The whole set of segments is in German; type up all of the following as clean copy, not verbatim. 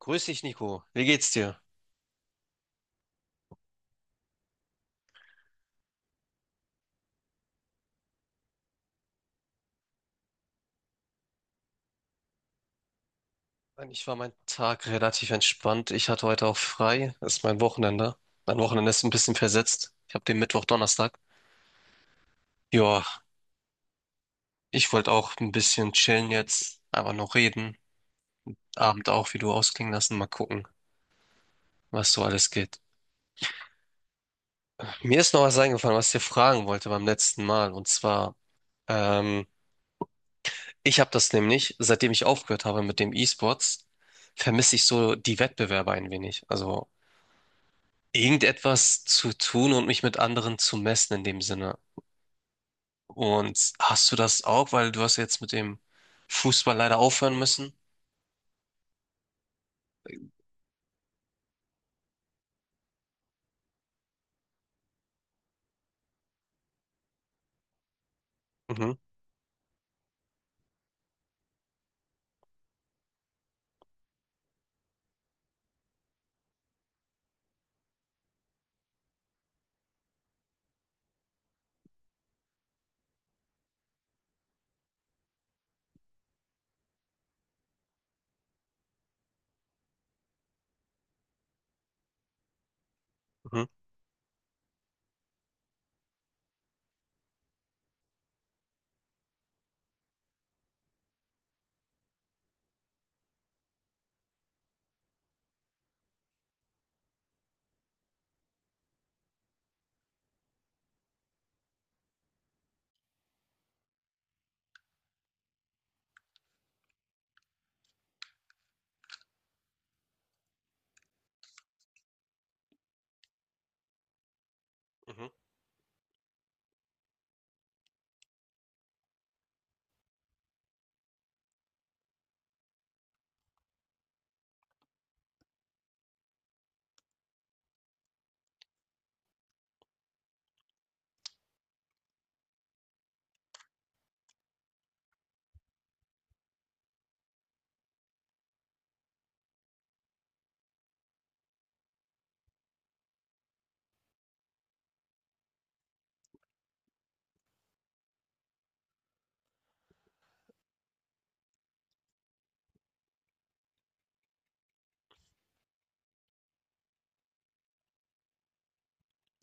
Grüß dich, Nico. Wie geht's dir? Eigentlich war mein Tag relativ entspannt. Ich hatte heute auch frei. Das ist mein Wochenende. Mein Wochenende ist ein bisschen versetzt. Ich habe den Mittwoch, Donnerstag. Ja, ich wollte auch ein bisschen chillen jetzt, aber noch reden. Abend auch, wie du ausklingen lassen. Mal gucken, was so alles geht. Mir ist noch was eingefallen, was ich dir fragen wollte beim letzten Mal. Und zwar, ähm, ich habe das nämlich, seitdem ich aufgehört habe mit dem E-Sports, vermisse ich so die Wettbewerbe ein wenig. Also irgendetwas zu tun und mich mit anderen zu messen in dem Sinne. Und hast du das auch, weil du hast jetzt mit dem Fußball leider aufhören müssen? Mhm, mhm, mhm.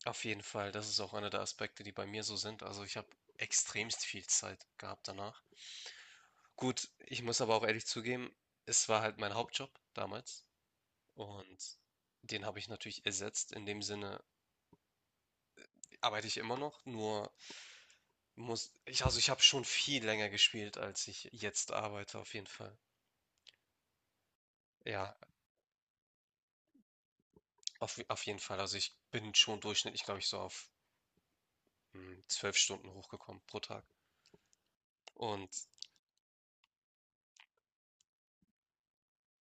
Auf jeden Fall, das ist auch einer der Aspekte, die bei mir so sind. Also ich habe extremst viel Zeit gehabt danach. Gut, ich muss aber auch ehrlich zugeben, es war halt mein Hauptjob damals und den habe ich natürlich ersetzt. In dem Sinne arbeite ich immer noch, nur muss ich, also ich habe schon viel länger gespielt, als ich jetzt arbeite, auf jeden Fall. Ja, auf jeden Fall. Also ich bin schon durchschnittlich, glaube ich, so auf 12 Stunden hochgekommen pro Tag. Und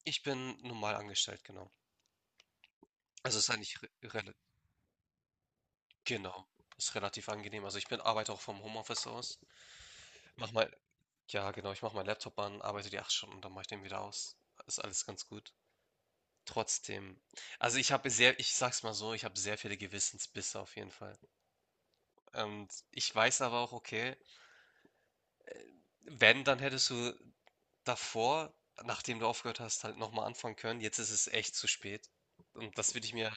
ich bin normal angestellt, genau. Also es ist eigentlich genau, ist relativ angenehm. Also ich bin arbeite auch vom Homeoffice aus. Mach mal, ja genau, ich mache meinen Laptop an, arbeite die 8 Stunden, dann mache ich den wieder aus. Ist alles ganz gut. Trotzdem, also ich sag's mal so, ich habe sehr viele Gewissensbisse auf jeden Fall. Und ich weiß aber auch, okay, wenn, dann hättest du davor, nachdem du aufgehört hast, halt nochmal anfangen können. Jetzt ist es echt zu spät. Und das würde ich mir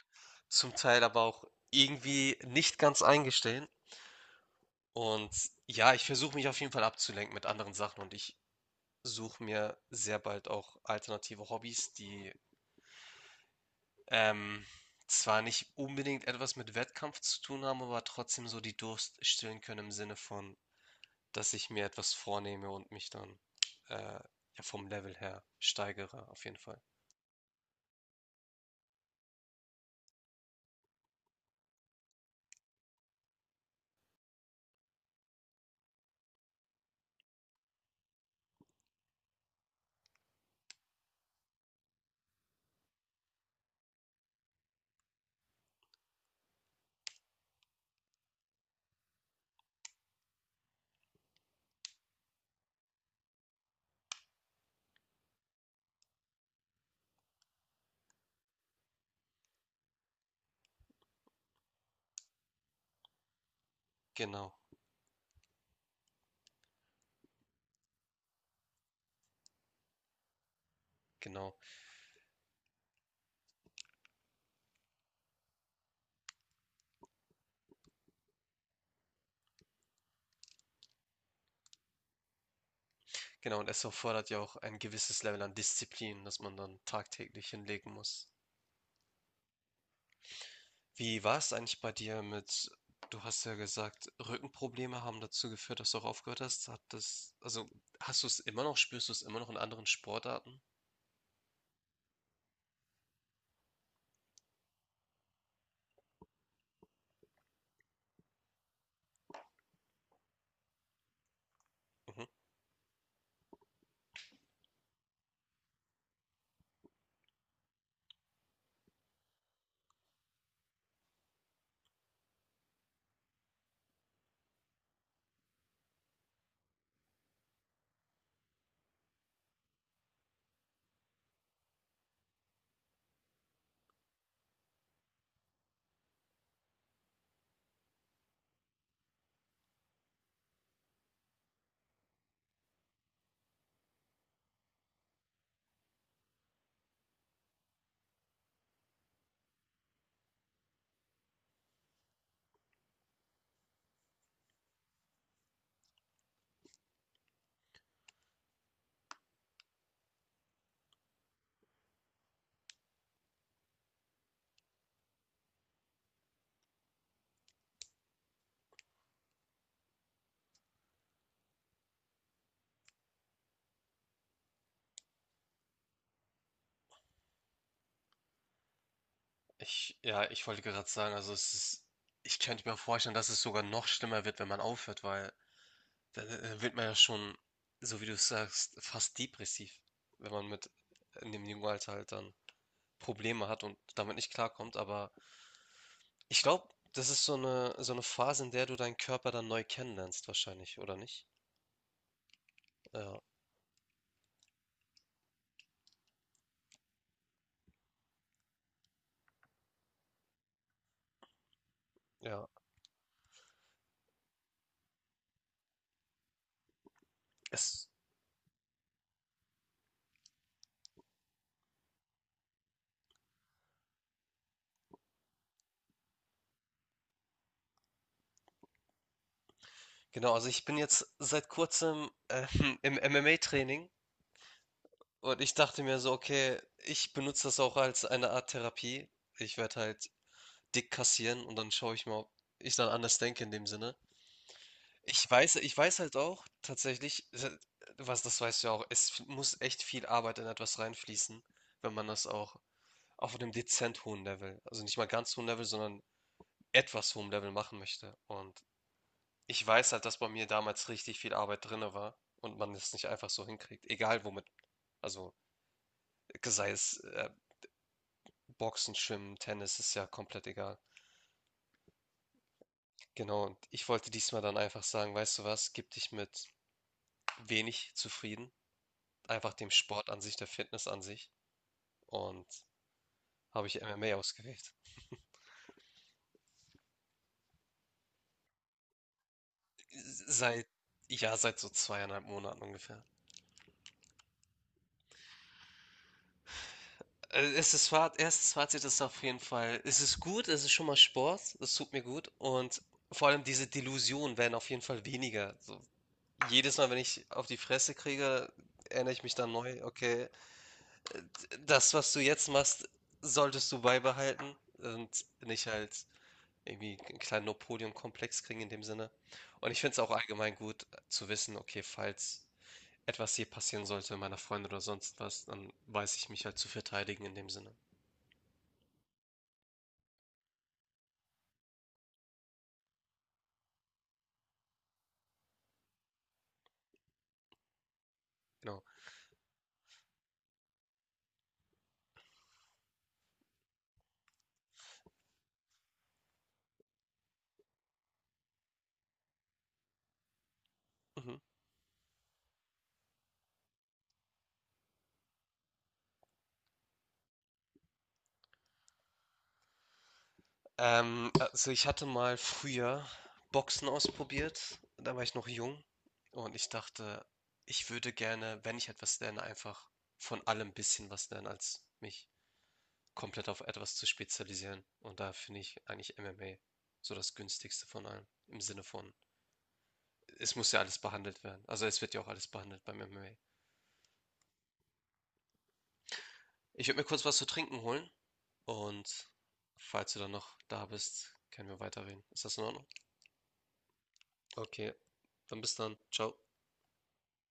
zum Teil aber auch irgendwie nicht ganz eingestehen. Und ja, ich versuche mich auf jeden Fall abzulenken mit anderen Sachen und ich suche mir sehr bald auch alternative Hobbys, die ähm, zwar nicht unbedingt etwas mit Wettkampf zu tun haben, aber trotzdem so die Durst stillen können im Sinne von dass ich mir etwas vornehme und mich dann ja, vom Level her steigere, auf jeden Fall. Genau, genau, genau. Und es erfordert ja auch ein gewisses Level an Disziplin, das man dann tagtäglich hinlegen muss. Wie war es eigentlich bei dir mit, du hast ja gesagt, Rückenprobleme haben dazu geführt, dass du auch aufgehört hast. Hat das, also hast du es immer noch, spürst du es immer noch in anderen Sportarten? Mhm. Ja, ich wollte gerade sagen, also es ist, ich könnte mir vorstellen, dass es sogar noch schlimmer wird, wenn man aufhört, weil da wird man ja schon, so wie du es sagst, fast depressiv, wenn man mit in dem jungen Alter halt dann Probleme hat und damit nicht klarkommt. Aber ich glaube, das ist so eine Phase, in der du deinen Körper dann neu kennenlernst, wahrscheinlich, oder nicht? Ja, ja. Es, genau, also ich bin jetzt seit kurzem im MMA-Training und ich dachte mir so, okay, ich benutze das auch als eine Art Therapie. Ich werde halt dick kassieren und dann schaue ich mal, ob ich dann anders denke in dem Sinne. Ich weiß halt auch tatsächlich, se was das, weißt du ja auch, es f muss echt viel Arbeit in etwas reinfließen, wenn man das auch auf einem dezent hohen Level, also nicht mal ganz hohen Level, sondern etwas hohem Level machen möchte. Und ich weiß halt, dass bei mir damals richtig viel Arbeit drinne war und man es nicht einfach so hinkriegt, egal womit. Also, sei es, Boxen, Schwimmen, Tennis, ist ja komplett egal. Genau, und ich wollte diesmal dann einfach sagen: „Weißt du was, gib dich mit wenig zufrieden.“ Einfach dem Sport an sich, der Fitness an sich, und habe ich MMA ausgewählt. Seit, ja, seit so zweieinhalb Monaten ungefähr. Erstes Fazit ist auf jeden Fall, es ist gut, es ist schon mal Sport, es tut mir gut und vor allem diese Delusionen werden auf jeden Fall weniger. So, jedes Mal, wenn ich auf die Fresse kriege, erinnere ich mich dann neu, okay, das, was du jetzt machst, solltest du beibehalten und nicht halt irgendwie einen kleinen Napoleon-Komplex kriegen in dem Sinne. Und ich finde es auch allgemein gut zu wissen, okay, falls etwas hier passieren sollte, meiner Freundin oder sonst was, dann weiß ich mich halt zu verteidigen in dem Sinne. Genau. Mhm. Also ich hatte mal früher Boxen ausprobiert, da war ich noch jung und ich dachte, ich würde gerne, wenn ich etwas lerne, einfach von allem ein bisschen was lernen, als mich komplett auf etwas zu spezialisieren. Und da finde ich eigentlich MMA so das günstigste von allem. Im Sinne von, es muss ja alles behandelt werden. Also es wird ja auch alles behandelt beim MMA. Ich würde mir kurz was zu trinken holen und falls du dann noch da bist, können wir weiterreden. Ist das in Ordnung? Okay, dann bis dann. Ciao.